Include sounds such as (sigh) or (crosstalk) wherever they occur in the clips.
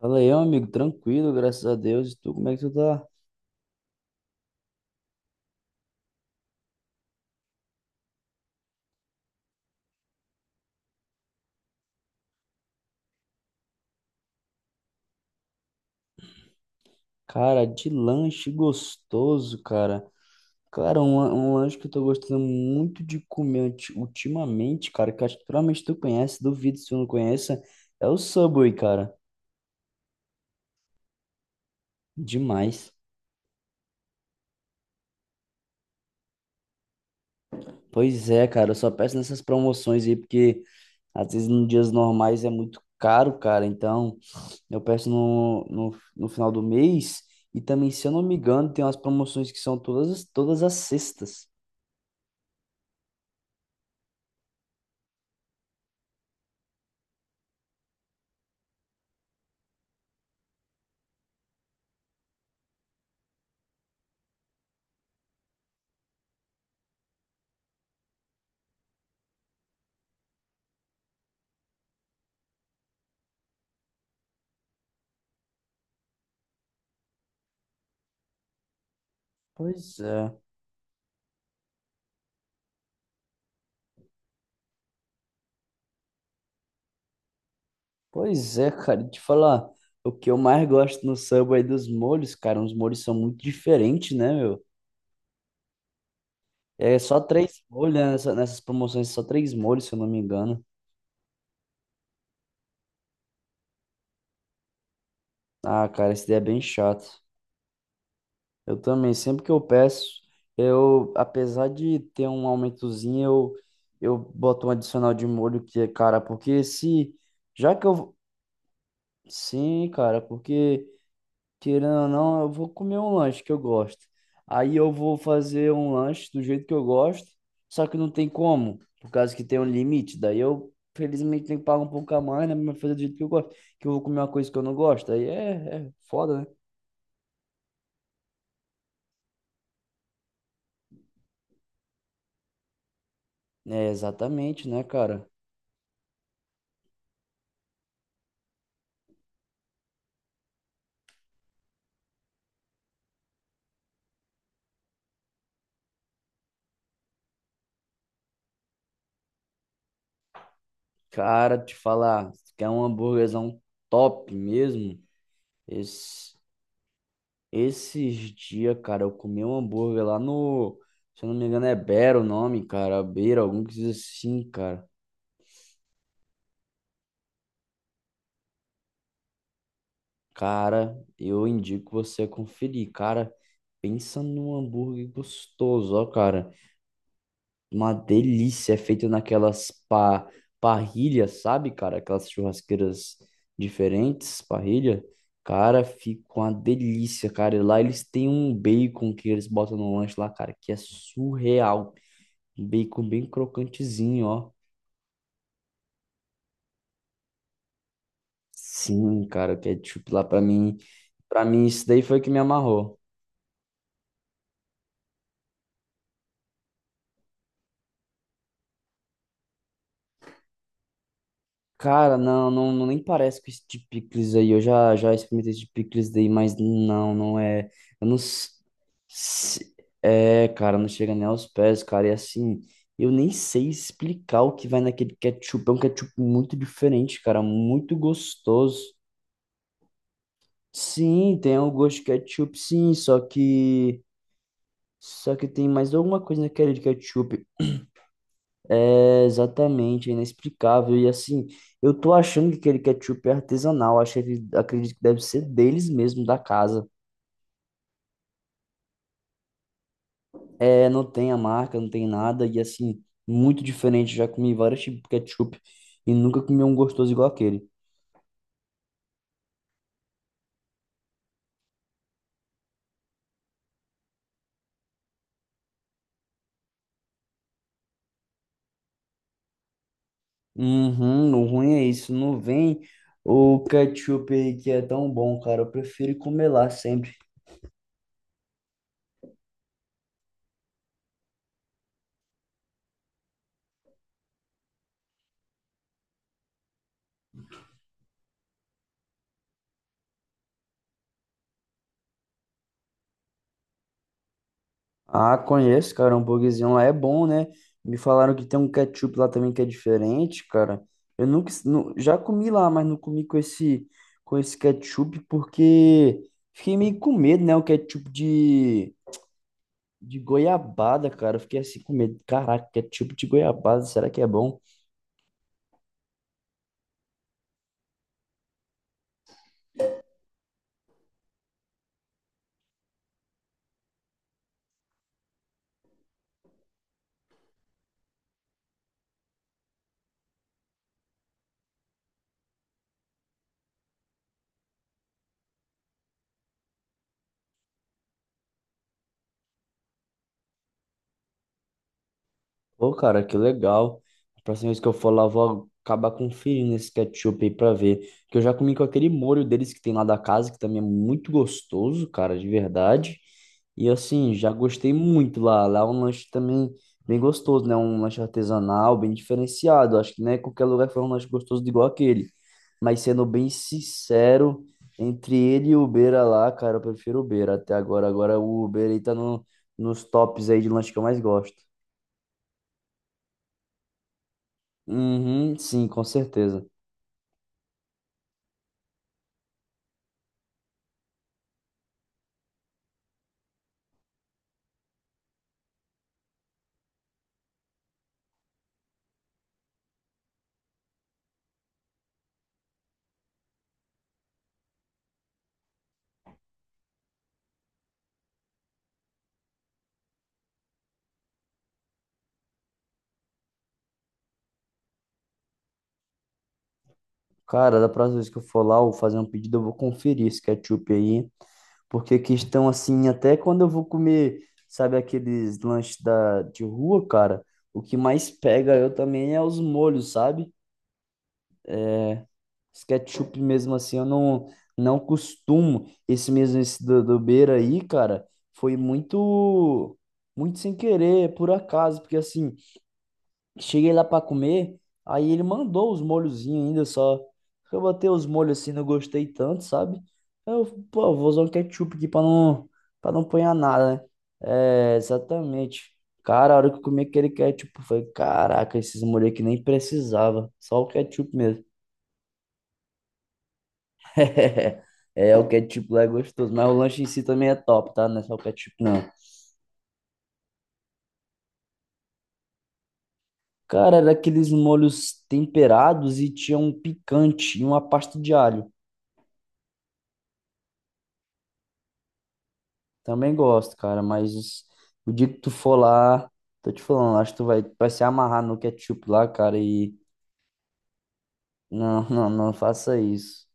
Fala aí, meu amigo, tranquilo, graças a Deus. E tu, como é que tu tá? Cara, de lanche gostoso, cara. Cara, um lanche que eu tô gostando muito de comer ultimamente, cara, que eu acho que provavelmente tu conhece, duvido se tu não conheça, é o Subway, cara. Demais. Pois é, cara, eu só peço nessas promoções aí, porque às vezes nos dias normais é muito caro, cara. Então, eu peço no final do mês. E também, se eu não me engano, tem umas promoções que são todas as sextas. Pois é, pois é, cara, e te falar, o que eu mais gosto no Subway é dos molhos, cara, os molhos são muito diferentes, né, meu? É só três molhos, né, nessas promoções, só três molhos, se eu não me engano. Ah, cara, esse daí é bem chato. Eu também, sempre que eu peço, eu, apesar de ter um aumentozinho, eu boto um adicional de molho que é, cara, porque se, já que eu, sim, cara, porque... Querendo ou não, eu vou comer um lanche que eu gosto. Aí eu vou fazer um lanche do jeito que eu gosto, só que não tem como, por causa que tem um limite. Daí eu, felizmente, tenho que pagar um pouco a mais, né? Mas fazer do jeito que eu gosto, que eu vou comer uma coisa que eu não gosto. Aí é foda, né? É, exatamente, né, cara? Cara, te falar, se quer um hambúrguerzão top mesmo? Esse, esses dias, cara, eu comi um hambúrguer lá no. Se eu não me engano, é Beira o nome, cara. Beira, algum que diz assim, cara. Cara, eu indico você conferir, cara. Pensa num hambúrguer gostoso, ó, cara. Uma delícia, é feito naquelas pa parrilhas, sabe, cara? Aquelas churrasqueiras diferentes, parrilha. Cara, fica uma delícia, cara. E lá eles têm um bacon que eles botam no lanche lá, cara, que é surreal. Um bacon bem crocantezinho, ó. Sim, cara, o ketchup lá pra mim isso daí foi o que me amarrou. Cara, não nem parece com esse de picles aí. Já experimentei esse de picles daí, mas não é. Eu não. Se- É, cara, não chega nem aos pés, cara. E assim, eu nem sei explicar o que vai naquele ketchup. É um ketchup muito diferente, cara, muito gostoso. Sim, tem um gosto de ketchup, sim, só que. Só que tem mais alguma coisa naquele de ketchup. É exatamente, é inexplicável. E assim, eu tô achando que aquele ketchup é artesanal, acho que, acredito que deve ser deles mesmo, da casa. É, não tem a marca, não tem nada, e assim, muito diferente. Já comi vários tipos de ketchup e nunca comi um gostoso igual aquele. Uhum, o ruim é isso, não vem o ketchup aí que é tão bom, cara. Eu prefiro comer lá sempre. Ah, conheço, cara. O hambúrguerzinho lá é bom, né? Me falaram que tem um ketchup lá também que é diferente, cara. Eu nunca, nu- já comi lá, mas não comi com esse ketchup porque fiquei meio com medo, né? O ketchup de goiabada, cara. Eu fiquei assim com medo. Caraca, ketchup de goiabada, será que é bom? Pô, cara, que legal. A próxima vez que eu for lá, eu vou acabar conferindo esse ketchup aí pra ver. Que eu já comi com aquele molho deles que tem lá da casa, que também é muito gostoso, cara, de verdade. E assim, já gostei muito lá. Lá é um lanche também bem gostoso, né? Um lanche artesanal, bem diferenciado. Acho que não é qualquer lugar que faz um lanche gostoso igual aquele. Mas sendo bem sincero, entre ele e o Beira lá, cara, eu prefiro o Beira até agora. Agora o Beira aí tá no, nos tops aí de lanche que eu mais gosto. Uhum, sim, com certeza. Cara, da próxima vez que eu for lá, eu vou fazer um pedido, eu vou conferir esse ketchup aí, porque questão assim, até quando eu vou comer, sabe, aqueles lanches de rua, cara, o que mais pega eu também é os molhos, sabe? Esse ketchup mesmo assim, eu não, não costumo. Esse mesmo, esse do Beira aí, cara, foi muito sem querer, por acaso, porque assim, cheguei lá pra comer, aí ele mandou os molhozinhos ainda só. Eu botei os molhos assim, não gostei tanto, sabe? Eu, pô, vou usar um ketchup aqui pra pra não apanhar nada, né? É, exatamente. Cara, a hora que eu comi aquele ketchup, foi caraca, esses molhos aqui nem precisava, só o ketchup mesmo. (laughs) É, o ketchup lá é gostoso, mas o lanche em si também é top, tá? Não é só o ketchup, não. Cara, era aqueles molhos temperados e tinha um picante e uma pasta de alho. Também gosto, cara, mas o dia que tu for lá, tô te falando, acho que vai se amarrar no ketchup lá, cara, e não, (laughs) não faça isso,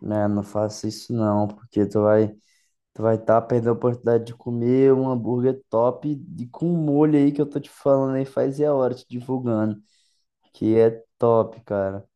né? Não faça isso não, porque tu vai tá perdendo a oportunidade de comer um hambúrguer top e com um molho aí que eu tô te falando aí faz e a hora te divulgando, que é top, cara.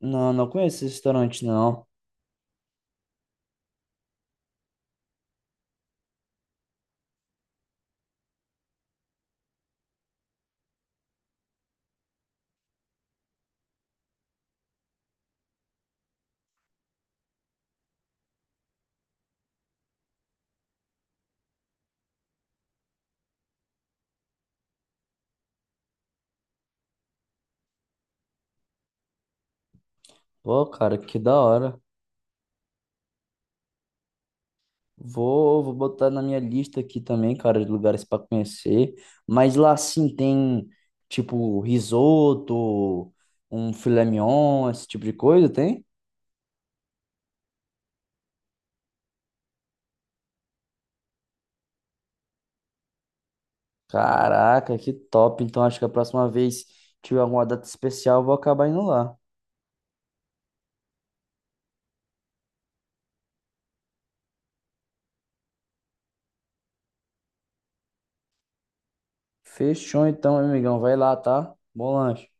Não, não conheço esse restaurante não. Pô, cara, que da hora. Vou botar na minha lista aqui também, cara, de lugares para conhecer. Mas lá sim tem, tipo, risoto, um filé mignon, esse tipo de coisa, tem? Caraca, que top. Então acho que a próxima vez tiver alguma data especial, eu vou acabar indo lá. Fechou então, meu amigão. Vai lá, tá? Bom lanche.